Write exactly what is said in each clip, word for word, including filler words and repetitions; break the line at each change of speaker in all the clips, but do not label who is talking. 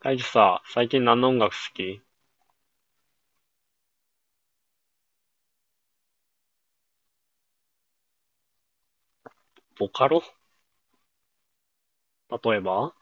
大樹さ、最近何の音楽好き？ボカロ？例えば？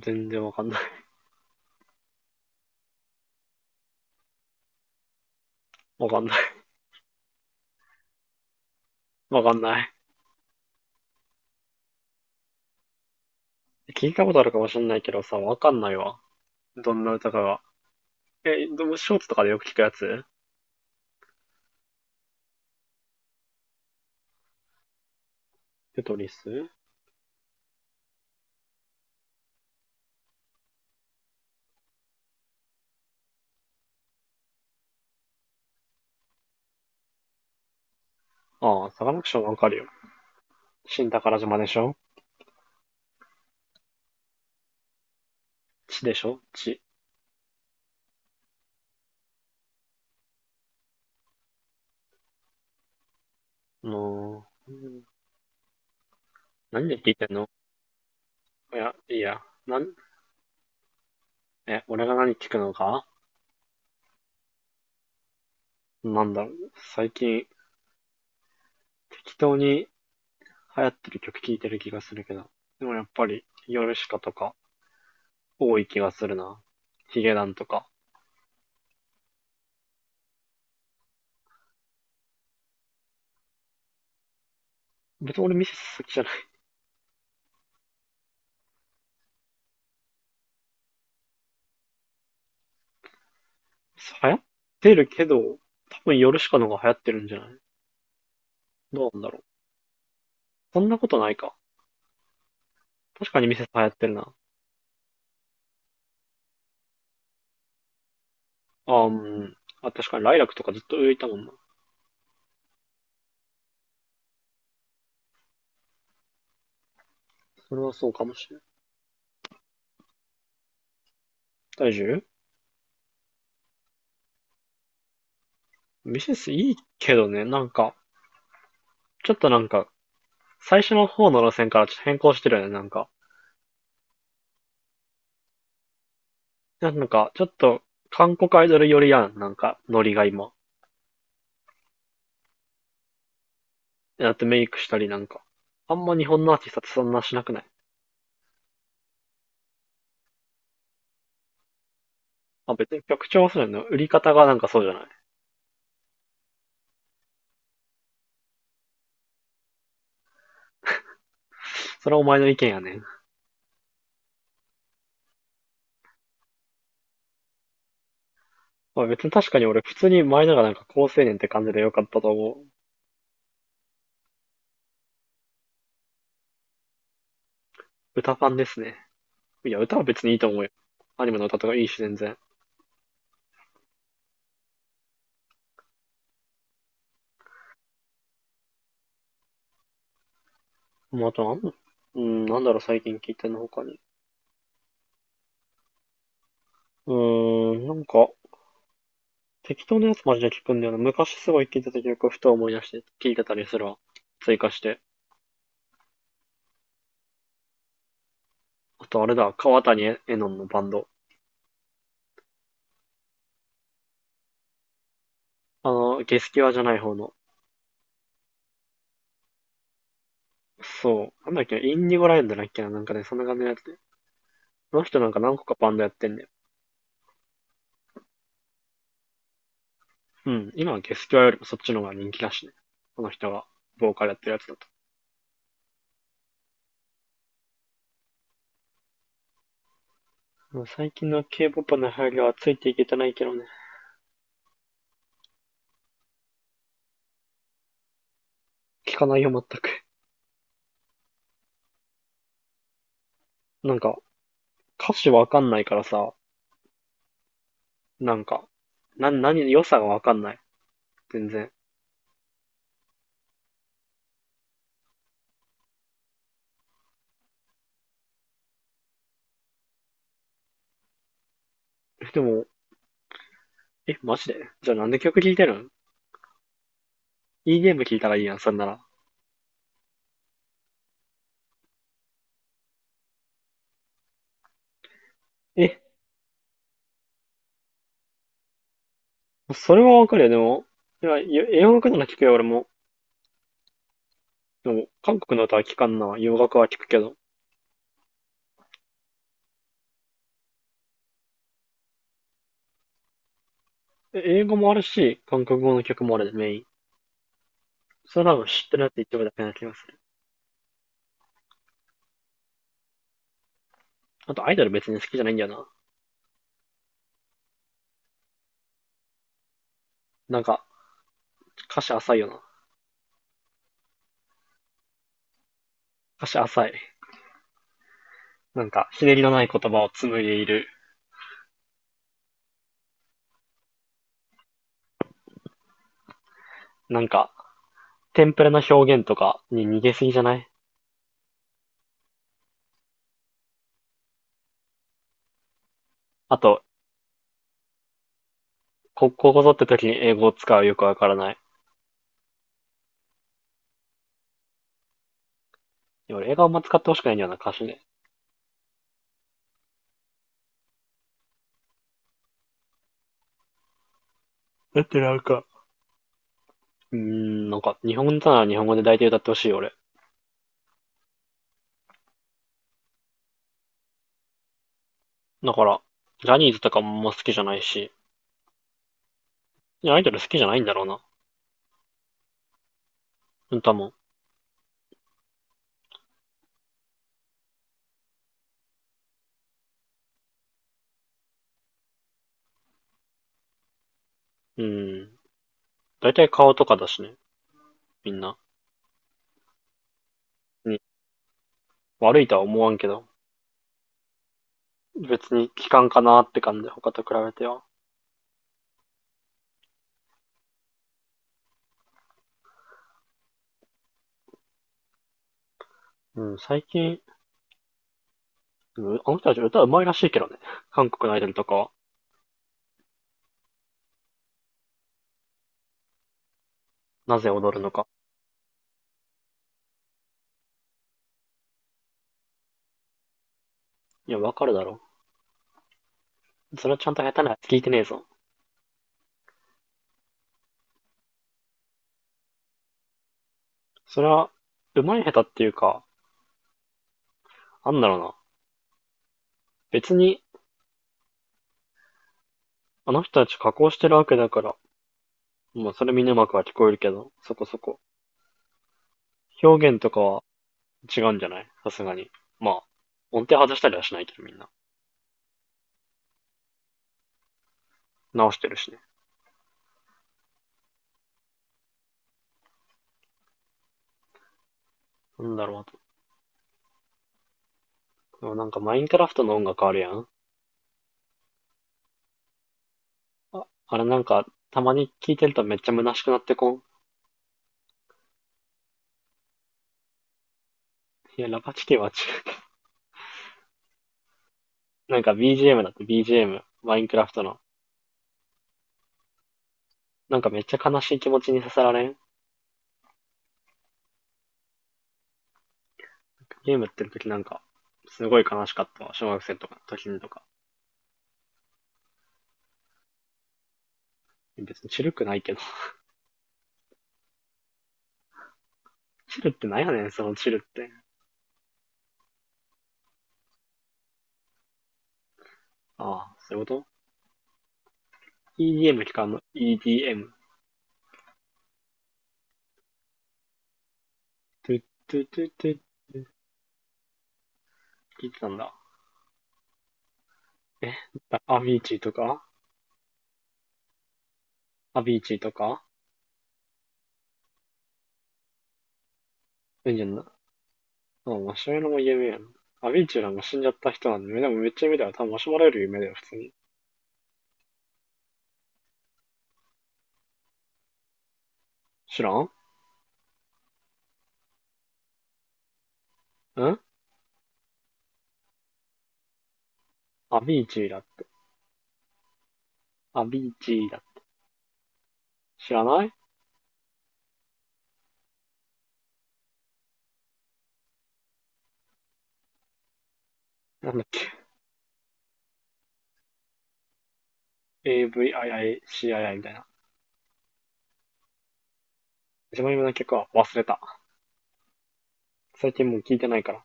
全然わかんない。わかんない。わかんない。聞いたことあるかもしんないけどさ、わかんないわ。どんな歌かが。え、でもショーツとかでよく聞くやつ？テトリス？ああ、サカナクションわかるよ。新宝島でしょ？地でしょ地。あのー、う、何で聞いてんの？いや、いいや。なん、え、俺が何聞くのか？なんだろう。最近、適当に流行ってる曲聞いてる気がするけど。でもやっぱり、ヨルシカとか、多い気がするな。ヒゲダンとか。別に俺ミセス好きじゃない。流行ってるけど、多分ヨルシカの方が流行ってるんじゃない？どうなんだろう。そんなことないか。確かにミセス流行ってるな。あー、うん。あ、確かにライラックとかずっと浮いたもんな。それはそうかもしれない。大丈夫。ミセスいいけどね、なんか、ちょっとなんか、最初の方の路線からちょっと変更してるよね、なんか。なんか、ちょっと、韓国アイドル寄りやん、なんか、ノリが今。だってメイクしたりなんか。あんま日本のアーティストってそんなしなくない？まあ別に曲調はそうじゃないの。売り方がなんかそうじゃない。それはお前の意見やねん。まあ別に確かに俺普通に前のがなんか高青年って感じで良かったと思う。歌ファンですね。いや、歌は別にいいと思うよ。アニメの歌とかいいし全然。まああとなんだ、うーん、なんだろう最近聞いてんの他に。うーん、なんか、適当なやつマジで聞くんだよな。昔すごい聞いてた曲をふと思い出して聞いてたりするわ。追加して。あとあれだ、川谷絵音のバンド。あの、ゲスキュアじゃない方の。そう。なんだっけ、インディゴラインドだっけな、なんかね、そんな感じのやつ。この人なんか何個かバンドやってんね。うん。今はゲスキュアよりもそっちの方が人気だしね。この人がボーカルやってるやつだと。もう最近の K-ケーポップ の流行りはついていけてないけどね。聞かないよ、全く。なんか、歌詞わかんないからさ、なんか、な、何、良さがわかんない。全然。でも、え、マジでじゃあなんで曲聴いてるん？いいゲーム聴いたらいいやん、そんなら。え、それはわかるよ、でも。いや、洋楽なら聴くよ、俺も。でも、韓国の歌は聴かんな。洋楽は聴くけど。え、英語もあるし、韓国語の曲もあるで、メイン。それ多分知ってるやつ一部だけな気がする。あと、アイドル別に好きじゃないんだよな。なんか、歌詞浅いよな。歌詞浅い。なんか、ひねりのない言葉を紡いでいる。なんか、テンプレな表現とかに逃げすぎじゃない？あと、こ、ここぞって時に英語を使うよくわからない。いや俺、映画あんま使ってほしくないんだよな、歌詞で。だってなんか、うーん、なんか、日本語なら日本語で大体歌ってほしいよ、俺。だから、ジャニーズとかもあんま好きじゃないし、いやアイドル好きじゃないんだろうな。歌も。うーん。だいたい顔とかだしね、みんな。に悪いとは思わんけど、別に聞かんかなって感じで、他と比べては。うん、最近、あの人たち歌うまいらしいけどね。韓国のアイドルとかは、なぜ踊るのか。いや、わかるだろ。それはちゃんと下手なやつ聞いてねえぞ。それは、うまい下手っていうか、なんだろうな。別に、あの人たち加工してるわけだから、まあ、それみんなうまくは聞こえるけど、そこそこ。表現とかは違うんじゃない？さすがに。まあ、音程外したりはしないけど、みんな。直してるしね。なんだろう、あとでもなんかマインクラフトの音楽あるやん。あ、あれなんか、たまに聴いてるとめっちゃ虚しくなってこん。いや、ラパチキは違う。なんか ビージーエム だって ビージーエム、マインクラフトの。なんかめっちゃ悲しい気持ちにさせられん。ゲームやってる時なんか、すごい悲しかったわ。小学生とか、時にとか。別にチルくないけど。チルってなんやねん、そのチルって。ああ、そういうこと？ イーディーエム 聞かんの？ イーディーエム。トゥットゥトゥトゥトゥ聞いてたんだ。え、アビーチーとか、アビーチーとか、うんじゃん、でもマシュマロも有名やな。アビーチューラも死んじゃった人なんで、でもめっちゃ有名だよ。多分マシュマロより有名だよ、普通に。知らんん、アビーチューラ、アビーチューラ。知らない、なんだっけ、 AVIICII みたいな。一番有名な曲は忘れた。最近もう聞いてないから。